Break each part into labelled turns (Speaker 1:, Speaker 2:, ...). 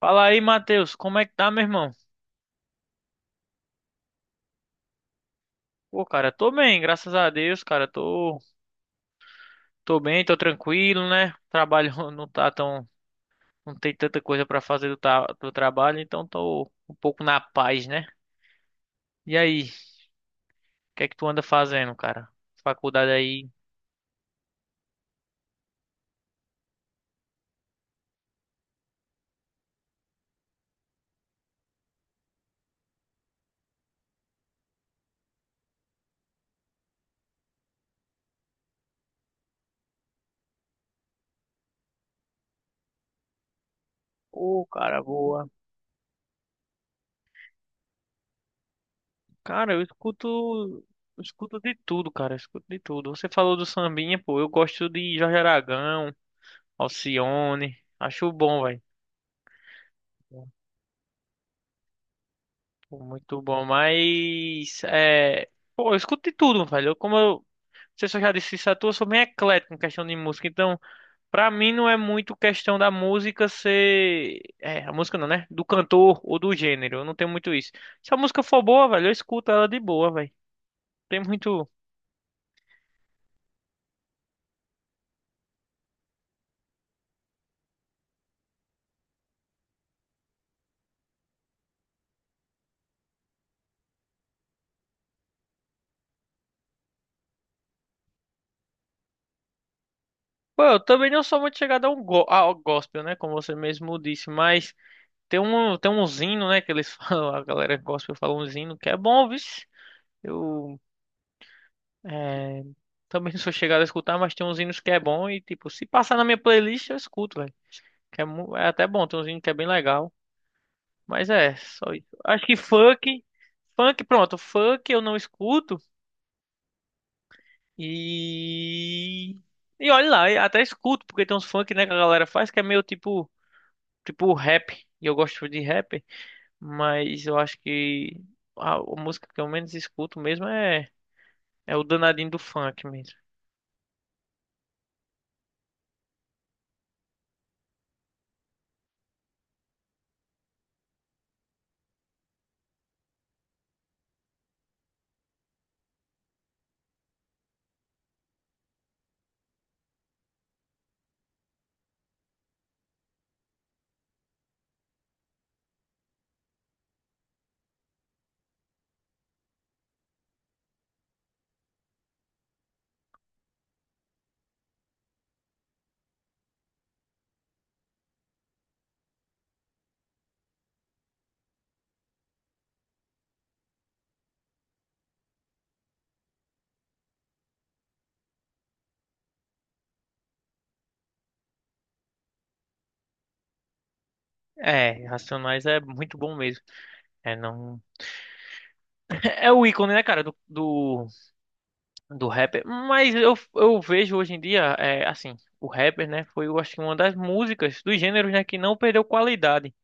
Speaker 1: Fala aí, Matheus, como é que tá, meu irmão? Pô, cara, tô bem, graças a Deus, cara, tô bem, tô tranquilo, né? Trabalho não tá tão, não tem tanta coisa pra fazer do trabalho, então tô um pouco na paz, né? E aí, o que é que tu anda fazendo, cara? Faculdade aí. Ô, cara, boa. Cara, eu escuto de tudo, cara, eu escuto de tudo. Você falou do sambinha, pô, eu gosto de Jorge Aragão, Alcione, acho bom, velho. Pô, muito bom, mas é, pô, eu escuto de tudo, velho. Você só já disse isso à toa, eu sou bem eclético em questão de música. Então, pra mim não é muito questão da música ser, a música não, né? Do cantor ou do gênero. Eu não tenho muito isso. Se a música for boa, velho, eu escuto ela de boa, velho. Tem muito. Pô, eu também não sou muito chegado ao gospel, né? Como você mesmo disse, mas tem um hino, né? Que eles falam, a galera gospel fala um hino que é bom, viu? Eu É, Também não sou chegado a escutar, mas tem uns hinos que é bom e, tipo, se passar na minha playlist, eu escuto, velho. É até bom, tem uns hinos que é bem legal. Mas é, só isso. Acho que funk, pronto, funk eu não escuto e... E olha lá, eu até escuto, porque tem uns funk, né, que a galera faz que é meio tipo rap, e eu gosto de rap, mas eu acho que a música que eu menos escuto mesmo é o danadinho do funk mesmo. É, Racionais é muito bom mesmo. É, não... é o ícone, né, cara, do rapper. Mas eu vejo hoje em dia, assim, o rapper, né, foi, eu acho que uma das músicas, dos gêneros, né, que não perdeu qualidade.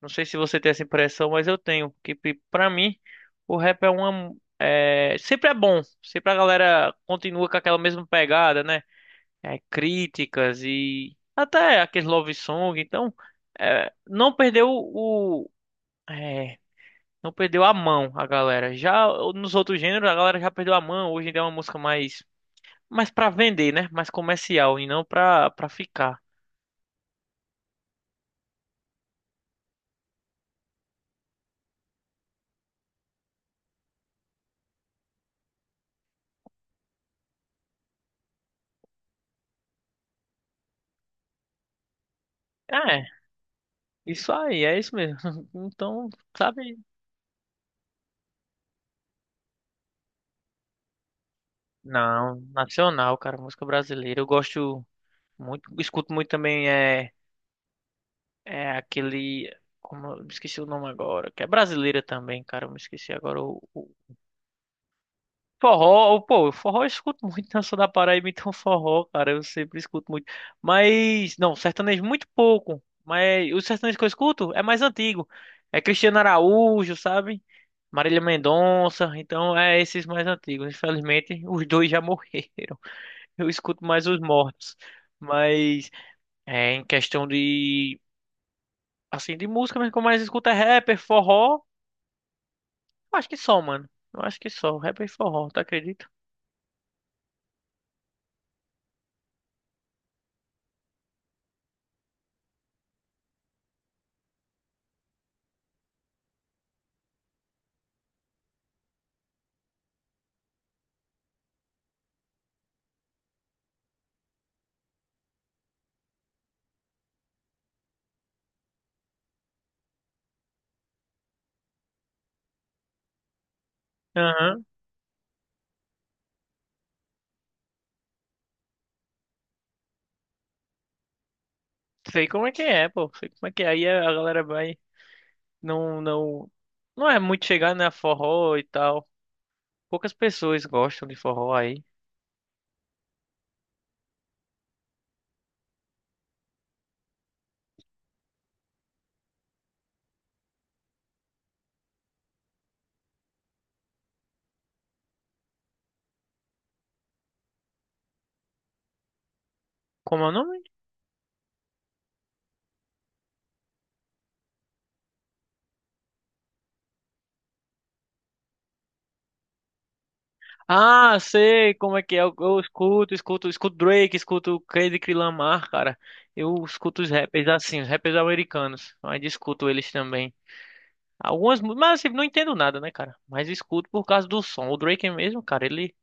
Speaker 1: Não sei se você tem essa impressão, mas eu tenho. Pra mim, o rap é uma. É, sempre é bom. Sempre a galera continua com aquela mesma pegada, né? É, críticas e até aqueles love song. Então, não perdeu o. é, Não perdeu a mão a galera. Já nos outros gêneros, a galera já perdeu a mão. Hoje em dia é uma música mais para vender, né? Mais comercial e não para ficar. É, isso aí, é isso mesmo. Então, sabe? Não, nacional, cara, música brasileira. Eu gosto muito, escuto muito também é aquele. Como eu me esqueci o nome agora, que é brasileira também, cara. Eu me esqueci agora o. Forró, pô, forró eu escuto muito, né? Eu sou da Paraíba, então forró, cara, eu sempre escuto muito. Mas, não, sertanejo muito pouco. Mas o sertanejo que eu escuto é mais antigo. É Cristiano Araújo, sabe? Marília Mendonça, então é esses mais antigos. Infelizmente, os dois já morreram. Eu escuto mais os mortos. Mas, em questão de, assim, de música, mas que eu mais escuto é rapper, forró. Eu acho que só, mano. Eu acho que só, rapper e forró, tá acredito? Sei como é que é, pô. Sei como é que é. Aí a galera vai. Não, não. Não é muito chegar na forró e tal. Poucas pessoas gostam de forró aí. Como é o nome? Ah, sei como é que é. Eu escuto, Drake, escuto Kendrick Lamar, cara. Eu escuto os rappers assim, os rappers americanos. Mas escuto eles também. Mas assim, não entendo nada, né, cara? Mas escuto por causa do som. O Drake mesmo, cara, ele.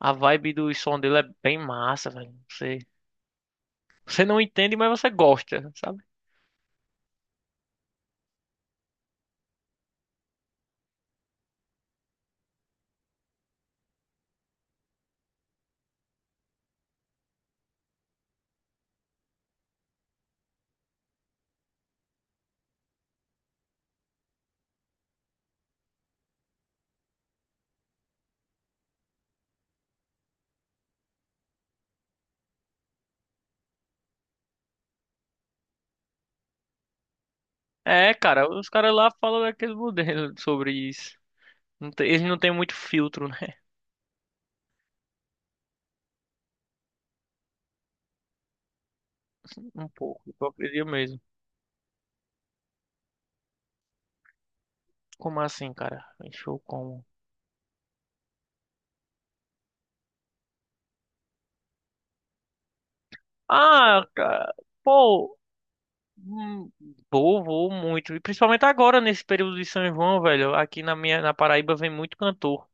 Speaker 1: A vibe do som dele é bem massa, velho. Você não entende, mas você gosta, sabe? É, cara, os caras lá falam daquele modelos sobre isso. Eles não têm muito filtro, né? Um pouco, hipocrisia mesmo. Como assim, cara? Show como? Ah, cara, pô, hum, vou muito. E principalmente agora, nesse período de São João, velho. Aqui na Paraíba vem muito cantor.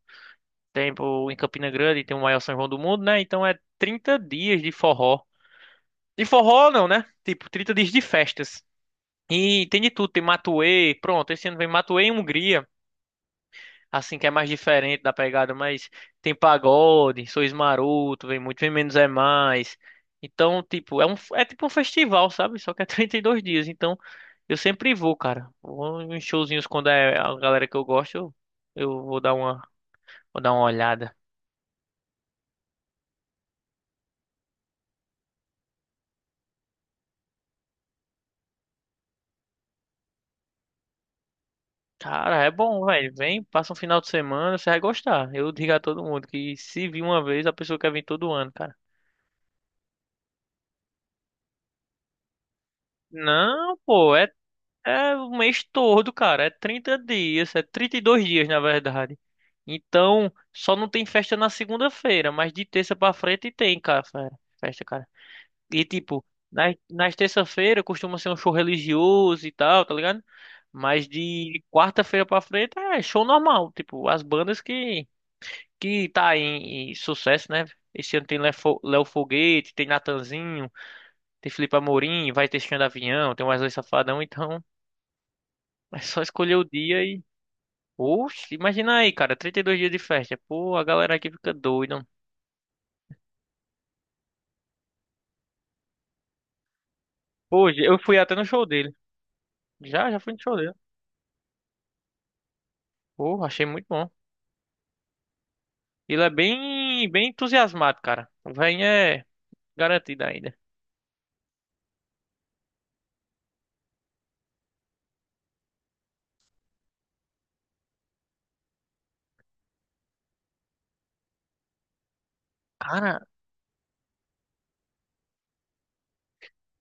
Speaker 1: Tem, pô, em Campina Grande, tem o maior São João do mundo, né? Então é 30 dias de forró. De forró não, né? Tipo, 30 dias de festas. E tem de tudo, tem Matuê, pronto, esse ano vem Matuê em Hungria, assim que é mais diferente da pegada, mas tem pagode, Sois Maroto, vem muito, vem Menos é Mais. Então, tipo, é tipo um festival, sabe? Só que é 32 dias. Então, eu sempre vou, cara. Vou em showzinhos quando é a galera que eu gosto, eu vou dar uma olhada. Cara, é bom, velho. Vem, passa um final de semana, você vai gostar. Eu digo a todo mundo que se vir uma vez, a pessoa quer vir todo ano, cara. Não, pô, é o mês todo, cara. É 30 dias, é 32 dias, na verdade. Então, só não tem festa na segunda-feira, mas de terça pra frente tem, cara, festa, cara. E tipo, nas terça-feira costuma ser um show religioso e tal, tá ligado? Mas de quarta-feira pra frente é show normal, tipo, as bandas que tá em sucesso, né? Esse ano tem Léo Foguete, tem Natanzinho, tem Felipe Amorim, vai ter Xand Avião, tem Wesley Safadão, então é só escolher o dia. Oxe, imagina aí, cara, 32 dias de festa. Pô, a galera aqui fica doida. Pô, eu fui até no show dele. Já fui no show dele. Pô, achei muito bom. Ele é bem, bem entusiasmado, cara. O velhinho é garantido ainda. Cara,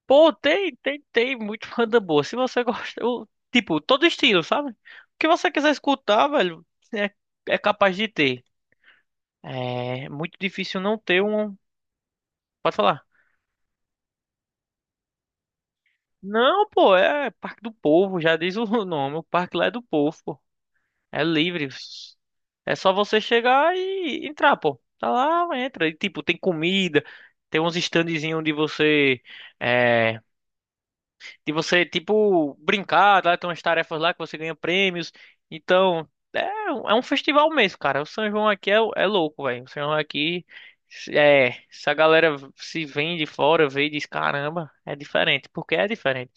Speaker 1: pô, tem muito banda boa. Se você gosta, tipo, todo estilo, sabe? O que você quiser escutar, velho, é, é capaz de ter. É muito difícil não ter um. Pode falar. Não, pô, é Parque do Povo, já diz o nome. O parque lá é do povo. É livre. É só você chegar e entrar, pô. Tá lá, entra. E, tipo, tem comida, tem uns standzinhos é, de você, tipo, brincar, tá? Tem umas tarefas lá que você ganha prêmios. Então, é um festival mesmo, cara. O São João aqui é louco, velho. O São João aqui, se a galera se vem de fora, vê e diz, caramba, é diferente. Porque é diferente.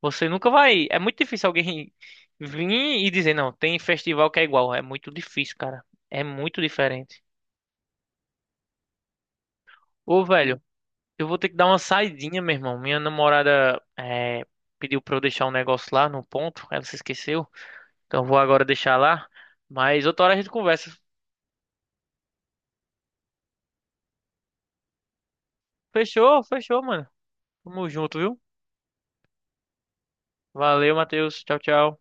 Speaker 1: Você nunca vai. É muito difícil alguém vir e dizer, não, tem festival que é igual. É muito difícil, cara. É muito diferente. Ô, velho, eu vou ter que dar uma saidinha, meu irmão. Minha namorada pediu pra eu deixar um negócio lá no ponto. Ela se esqueceu. Então eu vou agora deixar lá. Mas outra hora a gente conversa. Fechou, fechou, mano. Tamo junto, viu? Valeu, Matheus. Tchau, tchau.